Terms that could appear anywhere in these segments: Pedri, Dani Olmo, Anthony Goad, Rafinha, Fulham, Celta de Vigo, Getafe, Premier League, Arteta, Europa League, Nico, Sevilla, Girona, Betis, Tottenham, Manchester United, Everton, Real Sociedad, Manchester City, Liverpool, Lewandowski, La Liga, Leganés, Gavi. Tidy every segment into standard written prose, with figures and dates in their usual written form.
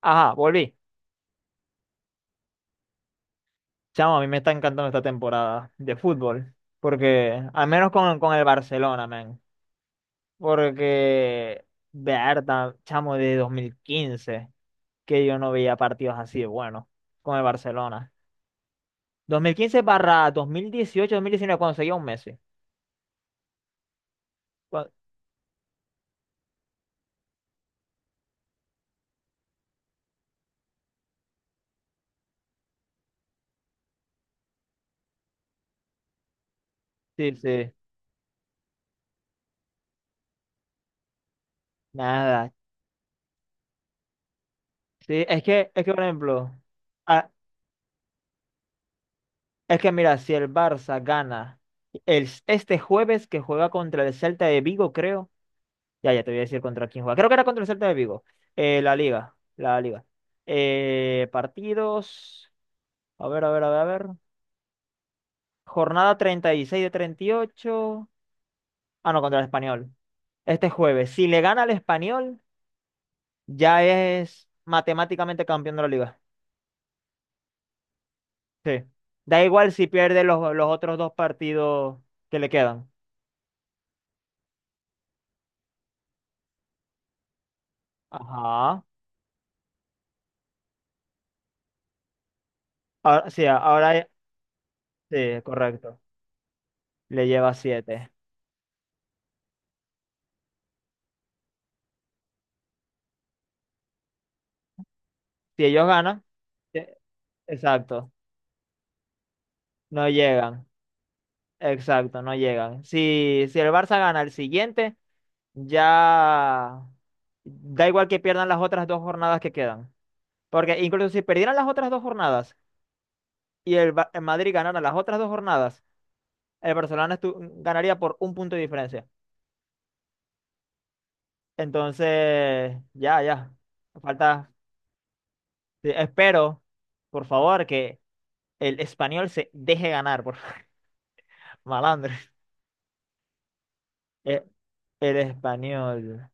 Ajá, volví. Chamo, a mí me está encantando esta temporada de fútbol. Porque, al menos con el Barcelona, man. Porque, verdad, chamo, de 2015 que yo no veía partidos así de buenos con el Barcelona. 2015 barra 2018, 2019, cuando seguía un Messi. Cua- Sí, sí, nada. Sí, es que, por ejemplo, ah, es que mira, si el Barça gana este jueves que juega contra el Celta de Vigo, creo. Ya, ya te voy a decir contra quién juega. Creo que era contra el Celta de Vigo. La Liga. La Liga. Partidos. A ver, a ver, a ver, a ver. Jornada 36 de 38. Ah, no, contra el Español. Este jueves. Si le gana al Español, ya es matemáticamente campeón de la Liga. Sí. Da igual si pierde los otros dos partidos que le quedan. Ajá. Ahora, sí, sí, correcto. Le lleva 7. Si ellos ganan, eh, exacto, no llegan. Exacto, no llegan. Si el Barça gana el siguiente, ya da igual que pierdan las otras dos jornadas que quedan. Porque incluso si perdieran las otras dos jornadas y el Madrid ganara las otras dos jornadas, el Barcelona estu- ganaría por un punto de diferencia. Entonces, ya, ya. Falta. Sí, espero, por favor, que el español se deje ganar, por malandro. Eh, El español,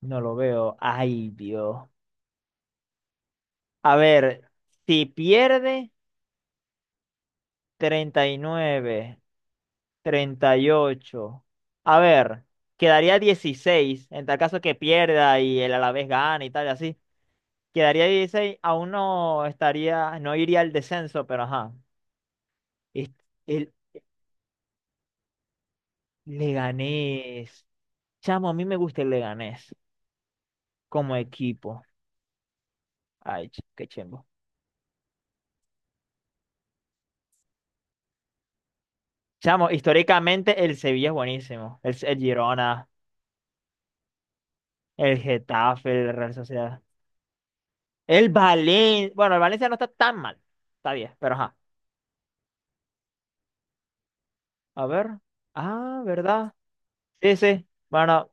no lo veo. Ay, Dios. A ver, si pierde 39, 38. A ver, quedaría 16. En tal caso que pierda y el Alavés gane y tal, y así. Quedaría 16, aún no estaría, no iría al descenso, pero ajá. Es- El Leganés. Chamo, a mí me gusta el Leganés como equipo. Ay, qué chimbo. Chamo, históricamente el Sevilla es buenísimo. El Girona, el Getafe, el Real Sociedad. El Valencia. Bueno, el Valencia no está tan mal. Está bien, pero ajá. A ver. Ah, ¿verdad? Sí, sí. Bueno,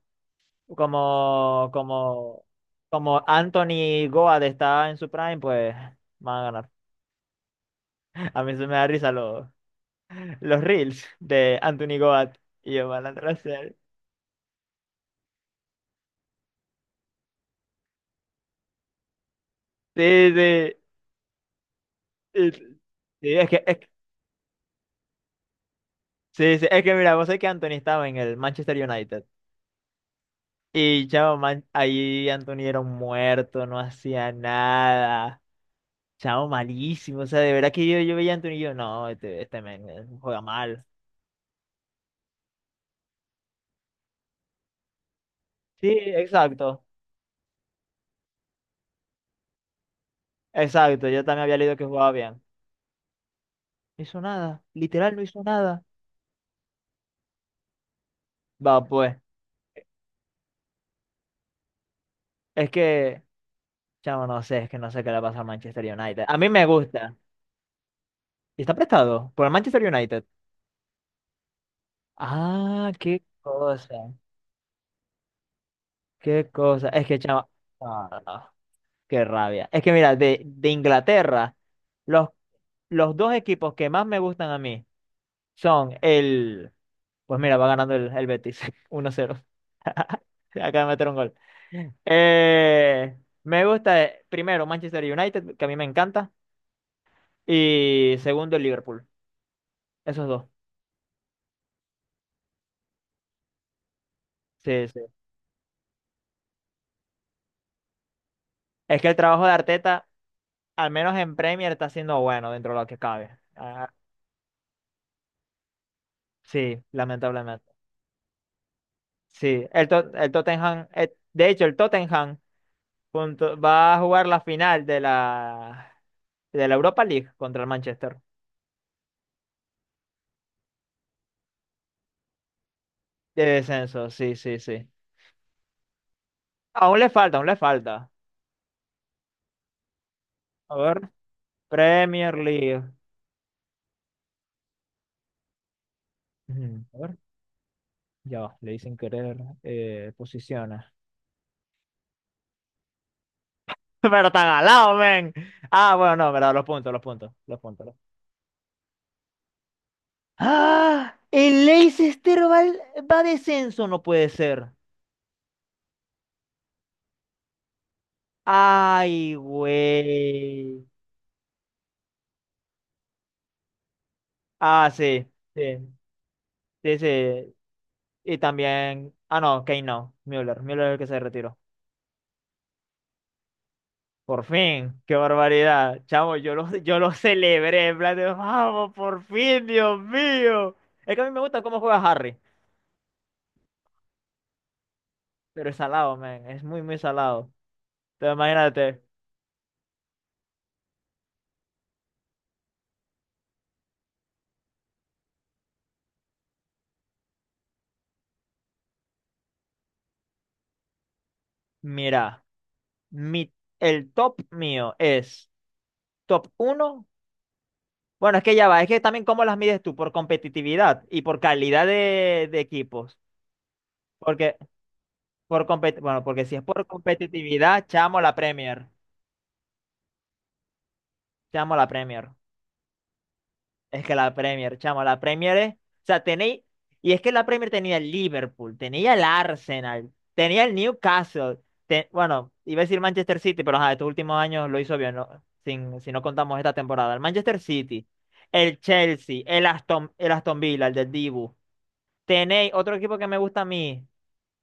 como, como, como Anthony Goad está en su prime, pues van a ganar. A mí se me da risa los reels de Anthony Goad y yo van a hacer. Sí, sí. Y- Sí, es que, sí, sí, es que mira, vos sabés que Anthony estaba en el Manchester United. Y chavo, ahí Anthony era un muerto, no hacía nada. Chavo, malísimo. O sea, de verdad que yo veía a Anthony y yo, no, este men juega mal. Sí, exacto. Exacto. Yo también había leído que jugaba bien. No hizo nada. Literal, no hizo nada. Va, pues. Es que, chavo, no sé, es que no sé qué le pasa al Manchester United. A mí me gusta. Y está prestado por el Manchester United. Ah, qué cosa. Qué cosa. Es que, chavo. No, qué rabia. Es que, mira, de Inglaterra, los, los dos equipos que más me gustan a mí son el. Pues mira, va ganando el Betis 1-0. Acaba de meter un gol. Me gusta, primero, Manchester United, que a mí me encanta. Y segundo, el Liverpool. Esos dos. Sí, sí. Es que el trabajo de Arteta, al menos en Premier, está siendo bueno dentro de lo que cabe. Ah, sí, lamentablemente. Sí, el Tottenham, de hecho, el Tottenham va a jugar la final de de la Europa League contra el Manchester. De descenso, sí, sí, sí. Aún le falta, aún le falta. A ver, Premier League. Ujú. A ver, ya, va. Le dicen querer, posiciones. Pero tan al lado, men. Ah, bueno, no, verdad, los puntos. ¡Ah! El Leicester va a descenso, no puede ser. Ay, güey. Ah, sí, sí, sí, sí. Y también. Ah, no, Kane no. Müller es el que se retiró. Por fin, qué barbaridad. Chamo, yo lo celebré, en plan de, vamos, por fin, Dios mío. Es que a mí me gusta cómo juega Harry, pero es salado, man, es muy salado. Entonces, imagínate, mira, mi, el top mío es top uno. Bueno, es que ya va, es que también cómo las mides tú, por competitividad y por calidad de equipos. Porque, bueno, porque si es por competitividad, chamo la Premier. Es que la Premier, chamo, la Premier es. O sea, tenéis. Y es que la Premier tenía el Liverpool, tenía el Arsenal, tenía el Newcastle. Bueno, iba a decir Manchester City, pero ajá, estos últimos años lo hizo bien, ¿no? Sin, si no contamos esta temporada. El Manchester City, el Chelsea, el Aston Villa, el del Dibu. Tenéis otro equipo que me gusta a mí,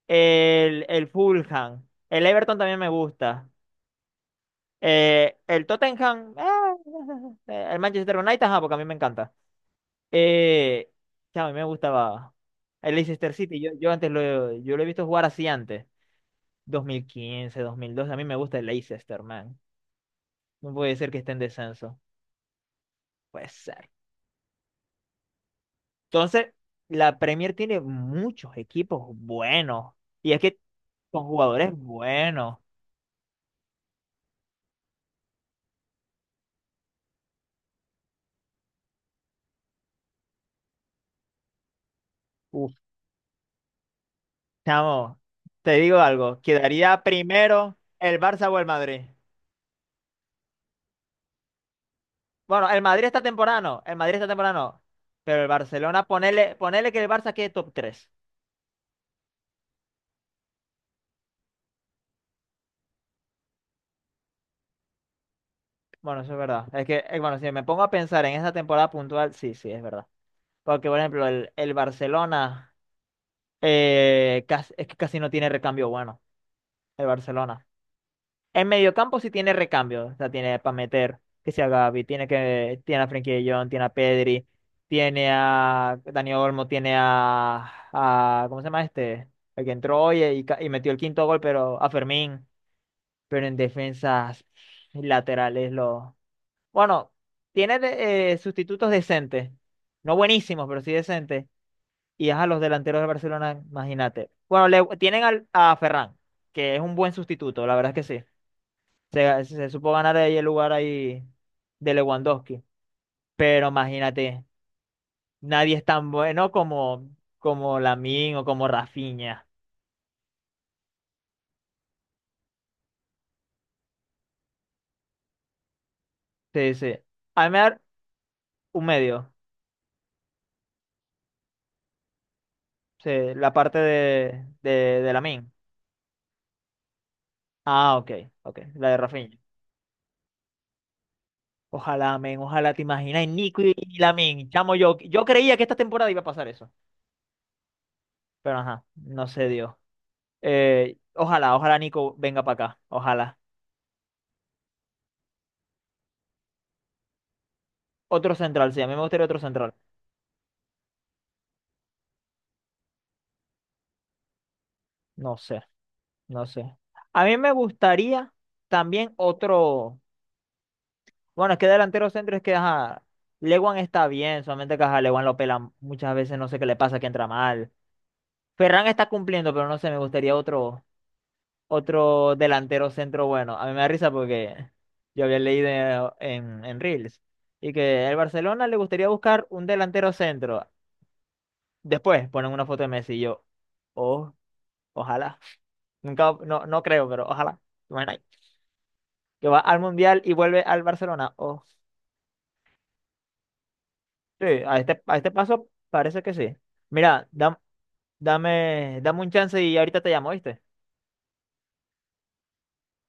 el Fulham. El Everton también me gusta. El Tottenham, el Manchester United, ajá, porque a mí me encanta. Eh, chao, a mí me gustaba el Leicester City. Yo lo he visto jugar así antes. Dos mil quince, 2012. A mí me gusta el Leicester, man. No puede ser que esté en descenso. Puede ser. Entonces, la Premier tiene muchos equipos buenos. Y es que con jugadores buenos. Uf, chamo, te digo algo. Quedaría primero el Barça o el Madrid. Bueno, el Madrid está temprano. El Madrid está temprano. Pero el Barcelona, ponele, ponele que el Barça quede top 3. Bueno, eso es verdad. Es que, bueno, si me pongo a pensar en esa temporada puntual, sí, sí, es verdad. Porque, por ejemplo, el Barcelona casi, es que casi no tiene recambio bueno, el Barcelona. En mediocampo sí tiene recambio, o sea, tiene para meter, que sea Gavi, tiene a Frenkie de Jong, tiene a Pedri, tiene a Dani Olmo, ¿cómo se llama este? El que entró hoy y, y metió el quinto gol, pero a Fermín, pero en defensas laterales lo. Bueno, tiene sustitutos decentes. No buenísimos, pero sí decentes. Y a los delanteros de Barcelona, imagínate. Bueno, tienen a Ferran, que es un buen sustituto, la verdad es que sí. Se supo ganar ahí el lugar ahí de Lewandowski. Pero imagínate, nadie es tan bueno como Lamine o como Rafinha. Sí, sí. A mí me da un medio. Sí, la parte de Lamine. Ah, ok, ok. La de Rafinha. Ojalá, men, ojalá te imaginas, Nico y Lamin, chamo, yo creía que esta temporada iba a pasar eso, pero ajá, no se dio. Ojalá Nico venga para acá, ojalá. Otro central, sí, a mí me gustaría otro central. No sé, no sé. A mí me gustaría también otro, bueno, es que delantero centro es que, ajá, Lewan está bien, solamente que, ajá, Lewan lo pela muchas veces, no sé qué le pasa, que entra mal. Ferran está cumpliendo, pero no sé, me gustaría otro, otro delantero centro bueno. A mí me da risa porque yo había leído en Reels y que el Barcelona le gustaría buscar un delantero centro. Después ponen una foto de Messi y yo, oh, ojalá. Nunca, no, no creo, pero ojalá. Bueno, que va al Mundial y vuelve al Barcelona. Oh, sí, a este paso parece que sí. Mira, dam- dame, dame un chance y ahorita te llamo, ¿viste?